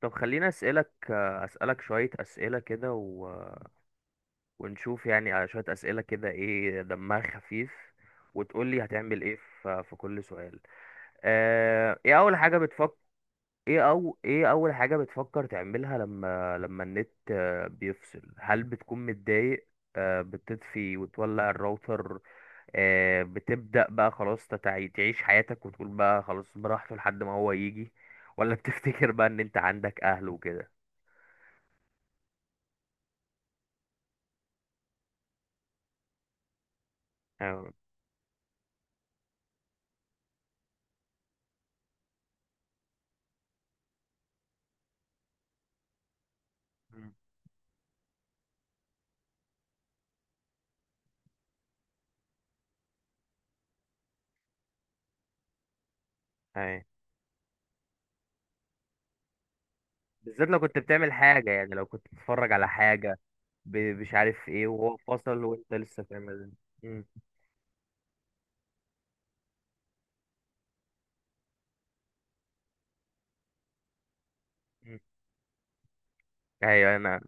طب خليني اسالك شويه اسئله كده ونشوف يعني على شويه اسئله كده ايه دمها خفيف، وتقولي هتعمل ايه في كل سؤال. ايه اول حاجه بتفكر؟ ايه اول حاجه بتفكر تعملها لما النت بيفصل؟ هل بتكون متضايق؟ بتطفي وتولع الراوتر؟ بتبدا بقى خلاص تعيش حياتك وتقول بقى خلاص براحته لحد ما هو يجي؟ ولا بتفتكر بقى ان انت عندك اهل وكده؟ مم. اي. بالذات لو كنت بتعمل حاجة، يعني لو كنت بتتفرج على حاجة، مش عارف ايه وهو فصل وانت لسه بتعمل. مم. مم. ايوه. انا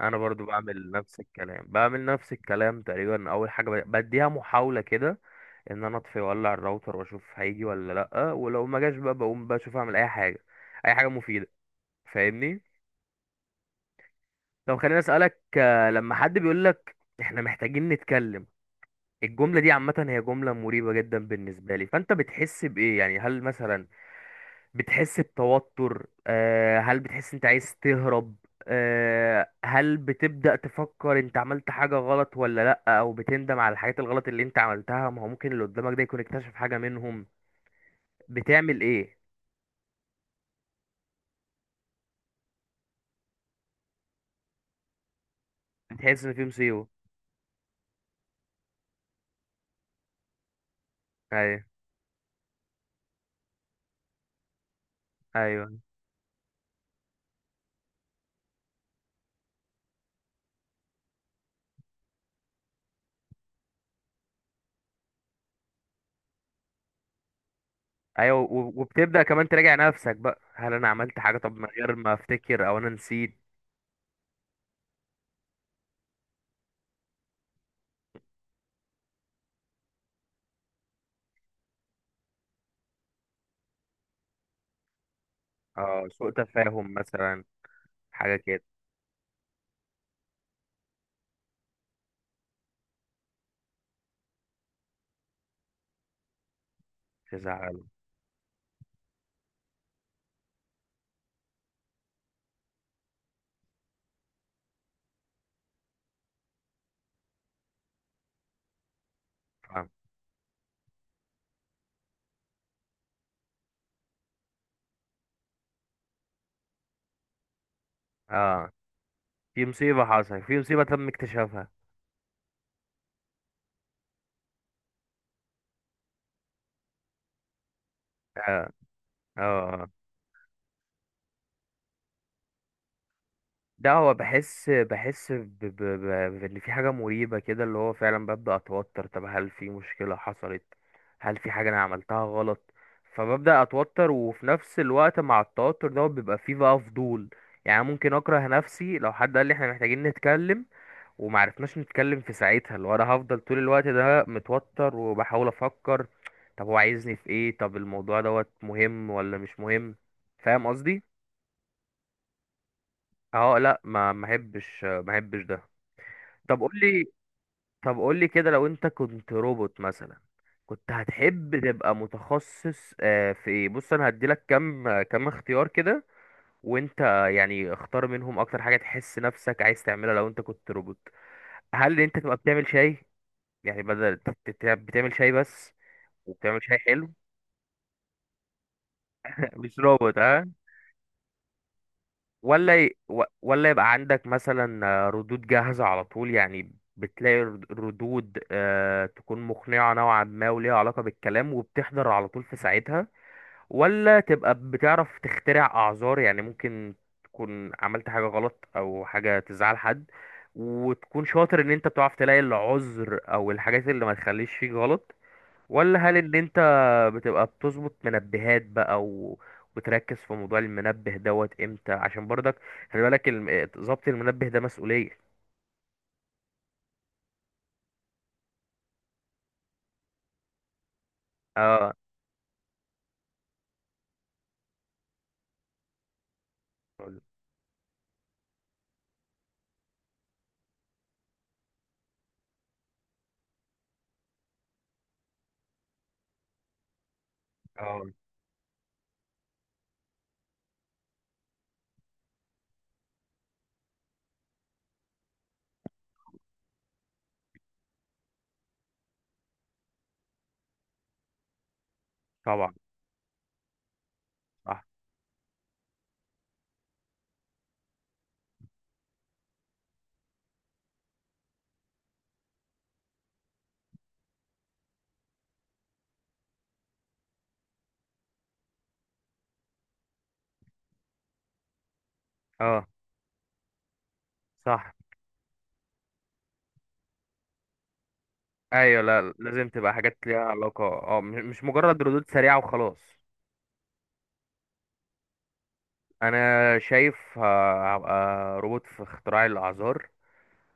انا برضو بعمل نفس الكلام، بعمل نفس الكلام تقريبا. اول حاجة بديها محاولة كده، ان انا اطفي واولع الراوتر واشوف هيجي ولا لا، ولو ما جاش بقى بقوم بشوف اعمل اي حاجة، اي حاجة مفيدة. فاهمني؟ طب خليني اسألك، لما حد بيقول لك احنا محتاجين نتكلم، الجملة دي عامة، هي جملة مريبة جدا بالنسبة لي، فأنت بتحس بإيه يعني؟ هل مثلا بتحس بتوتر؟ هل بتحس أنت عايز تهرب؟ هل بتبدأ تفكر أنت عملت حاجة غلط ولا لأ، أو بتندم على الحاجات الغلط اللي أنت عملتها؟ ما هو ممكن اللي قدامك ده يكون اكتشف حاجة منهم. بتعمل إيه؟ بتحس إن في مصيبة؟ أيوه. أيوه. أيوه، وبتبدأ كمان تراجع نفسك بقى، هل أنا عملت حاجة طب من غير ما أفتكر، أو أنا نسيت. اه، سوء تفاهم مثلا، حاجة كده تزعل. اه. آه. في مصيبة حصلت، في مصيبة تم اكتشافها. اه. اه. آه. ده هو بحس بان في حاجة مريبة كده، اللي هو فعلا ببدأ اتوتر، طب هل في مشكلة حصلت، هل في حاجة انا عملتها غلط؟ فببدأ اتوتر، وفي نفس الوقت مع التوتر ده بيبقى فيه بقى فضول. يعني ممكن اكره نفسي لو حد قال لي احنا محتاجين نتكلم وما عرفناش نتكلم في ساعتها، اللي هو انا هفضل طول الوقت ده متوتر وبحاول افكر طب هو عايزني في ايه، طب الموضوع دوت مهم ولا مش مهم. فاهم قصدي؟ اه، لا، ما احبش ده. طب قول لي طب قول لي كده لو انت كنت روبوت مثلا، كنت هتحب تبقى متخصص في ايه؟ بص انا هديلك كام، كام اختيار كده، وانت يعني اختار منهم اكتر حاجة تحس نفسك عايز تعملها لو انت كنت روبوت. هل انت تبقى بتعمل شاي يعني، بدل بتعمل شاي بس، وبتعمل شاي حلو؟ مش روبوت ها؟ ولا ولا يبقى عندك مثلا ردود جاهزة على طول يعني، بتلاقي ردود تكون مقنعة نوعا ما وليها علاقة بالكلام وبتحضر على طول في ساعتها؟ ولا تبقى بتعرف تخترع أعذار، يعني ممكن تكون عملت حاجة غلط أو حاجة تزعل حد، وتكون شاطر إن أنت بتعرف تلاقي العذر أو الحاجات اللي ما تخليش فيك غلط؟ ولا هل ان انت بتبقى بتظبط منبهات بقى وتركز في موضوع المنبه دوت امتى، عشان برضك خلي بالك، ظبط المنبه ده مسؤولية؟ اه. اه طبعا. صح. اه صح. ايوه، لا لازم تبقى حاجات ليها علاقة، اه، مش مجرد ردود سريعة وخلاص. انا شايف هبقى روبوت في اختراع الاعذار،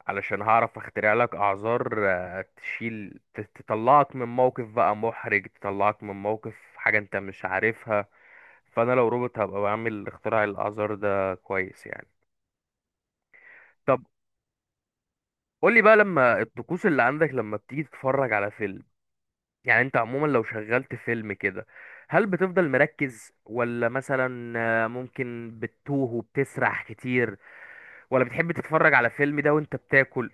علشان هعرف اخترع لك اعذار تشيل، تطلعك من موقف بقى محرج، تطلعك من موقف حاجة انت مش عارفها. فانا لو روبوت هبقى بعمل اختراع الاعذار ده كويس يعني. طب قولي بقى، لما الطقوس اللي عندك لما بتيجي تتفرج على فيلم، يعني انت عموما لو شغلت فيلم كده هل بتفضل مركز، ولا مثلا ممكن بتتوه وبتسرح كتير، ولا بتحب تتفرج على فيلم ده وانت بتاكل،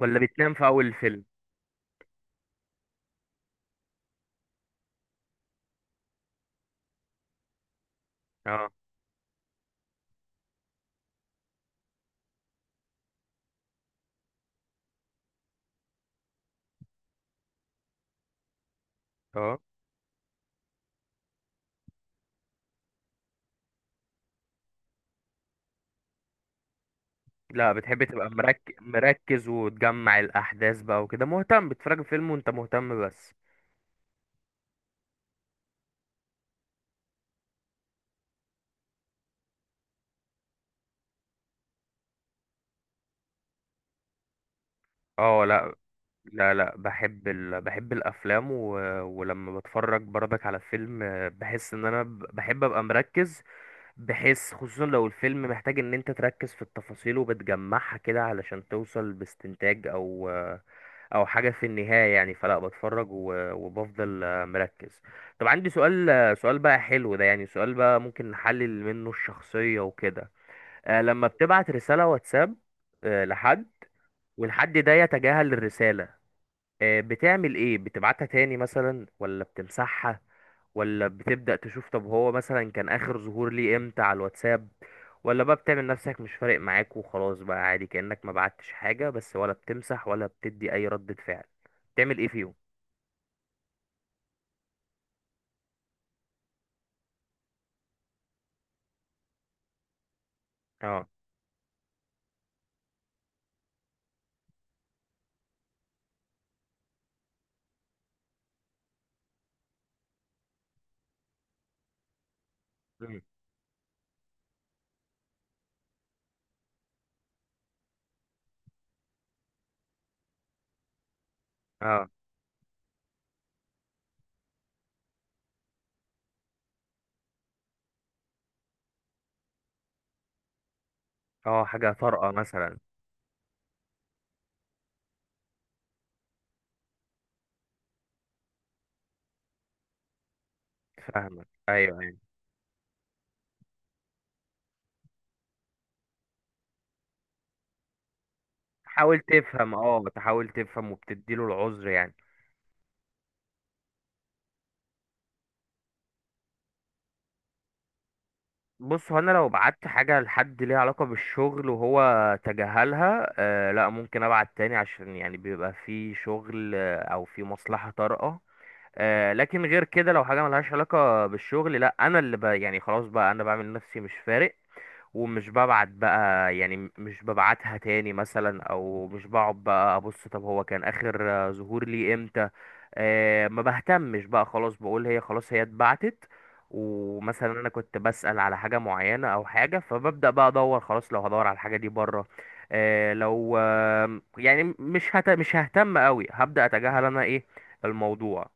ولا بتنام في اول الفيلم؟ اه. اه، لا بتحب تبقى مركز مركز وتجمع الأحداث بقى وكده. مهتم بتتفرج فيلم وأنت مهتم بس. اه. لا لا لا، بحب الافلام ولما بتفرج برضك على فيلم بحس ان انا بحب ابقى مركز، بحيث خصوصا لو الفيلم محتاج ان انت تركز في التفاصيل وبتجمعها كده علشان توصل باستنتاج او حاجة في النهاية يعني. فلا بتفرج وبفضل مركز. طب عندي سؤال، سؤال بقى حلو ده يعني، سؤال بقى ممكن نحلل منه الشخصية وكده. لما بتبعت رسالة واتساب لحد، والحد ده يتجاهل الرسالة، بتعمل ايه؟ بتبعتها تاني مثلا، ولا بتمسحها، ولا بتبدأ تشوف طب هو مثلا كان آخر ظهور ليه امتى على الواتساب، ولا بقى بتعمل نفسك مش فارق معاك وخلاص بقى عادي كأنك ما بعتش حاجة بس، ولا بتمسح ولا بتدي أي ردة فعل؟ بتعمل ايه فيهم؟ اه. مم. اه. اه، حاجة طارئة مثلا. فاهمك. ايوه. ايوه، تحاول تفهم وبتديله العذر يعني. بص هو انا لو بعت حاجه لحد ليها علاقه بالشغل وهو تجاهلها، لا ممكن ابعت تاني، عشان يعني بيبقى في شغل او في مصلحه طارئه. لكن غير كده لو حاجه ملهاش علاقه بالشغل، لا انا اللي ب يعني خلاص بقى انا بعمل نفسي مش فارق، ومش ببعت بقى يعني، مش ببعتها تاني مثلا، او مش بقعد بقى ابص طب هو كان اخر ظهور ليه امتى. ما بهتمش بقى خلاص، بقول هي خلاص، هي اتبعتت. ومثلا انا كنت بسأل على حاجة معينة او حاجة، فببدأ بقى ادور. خلاص لو هدور على الحاجة دي بره لو يعني مش ههتم قوي، هبدأ اتجاهل انا ايه الموضوع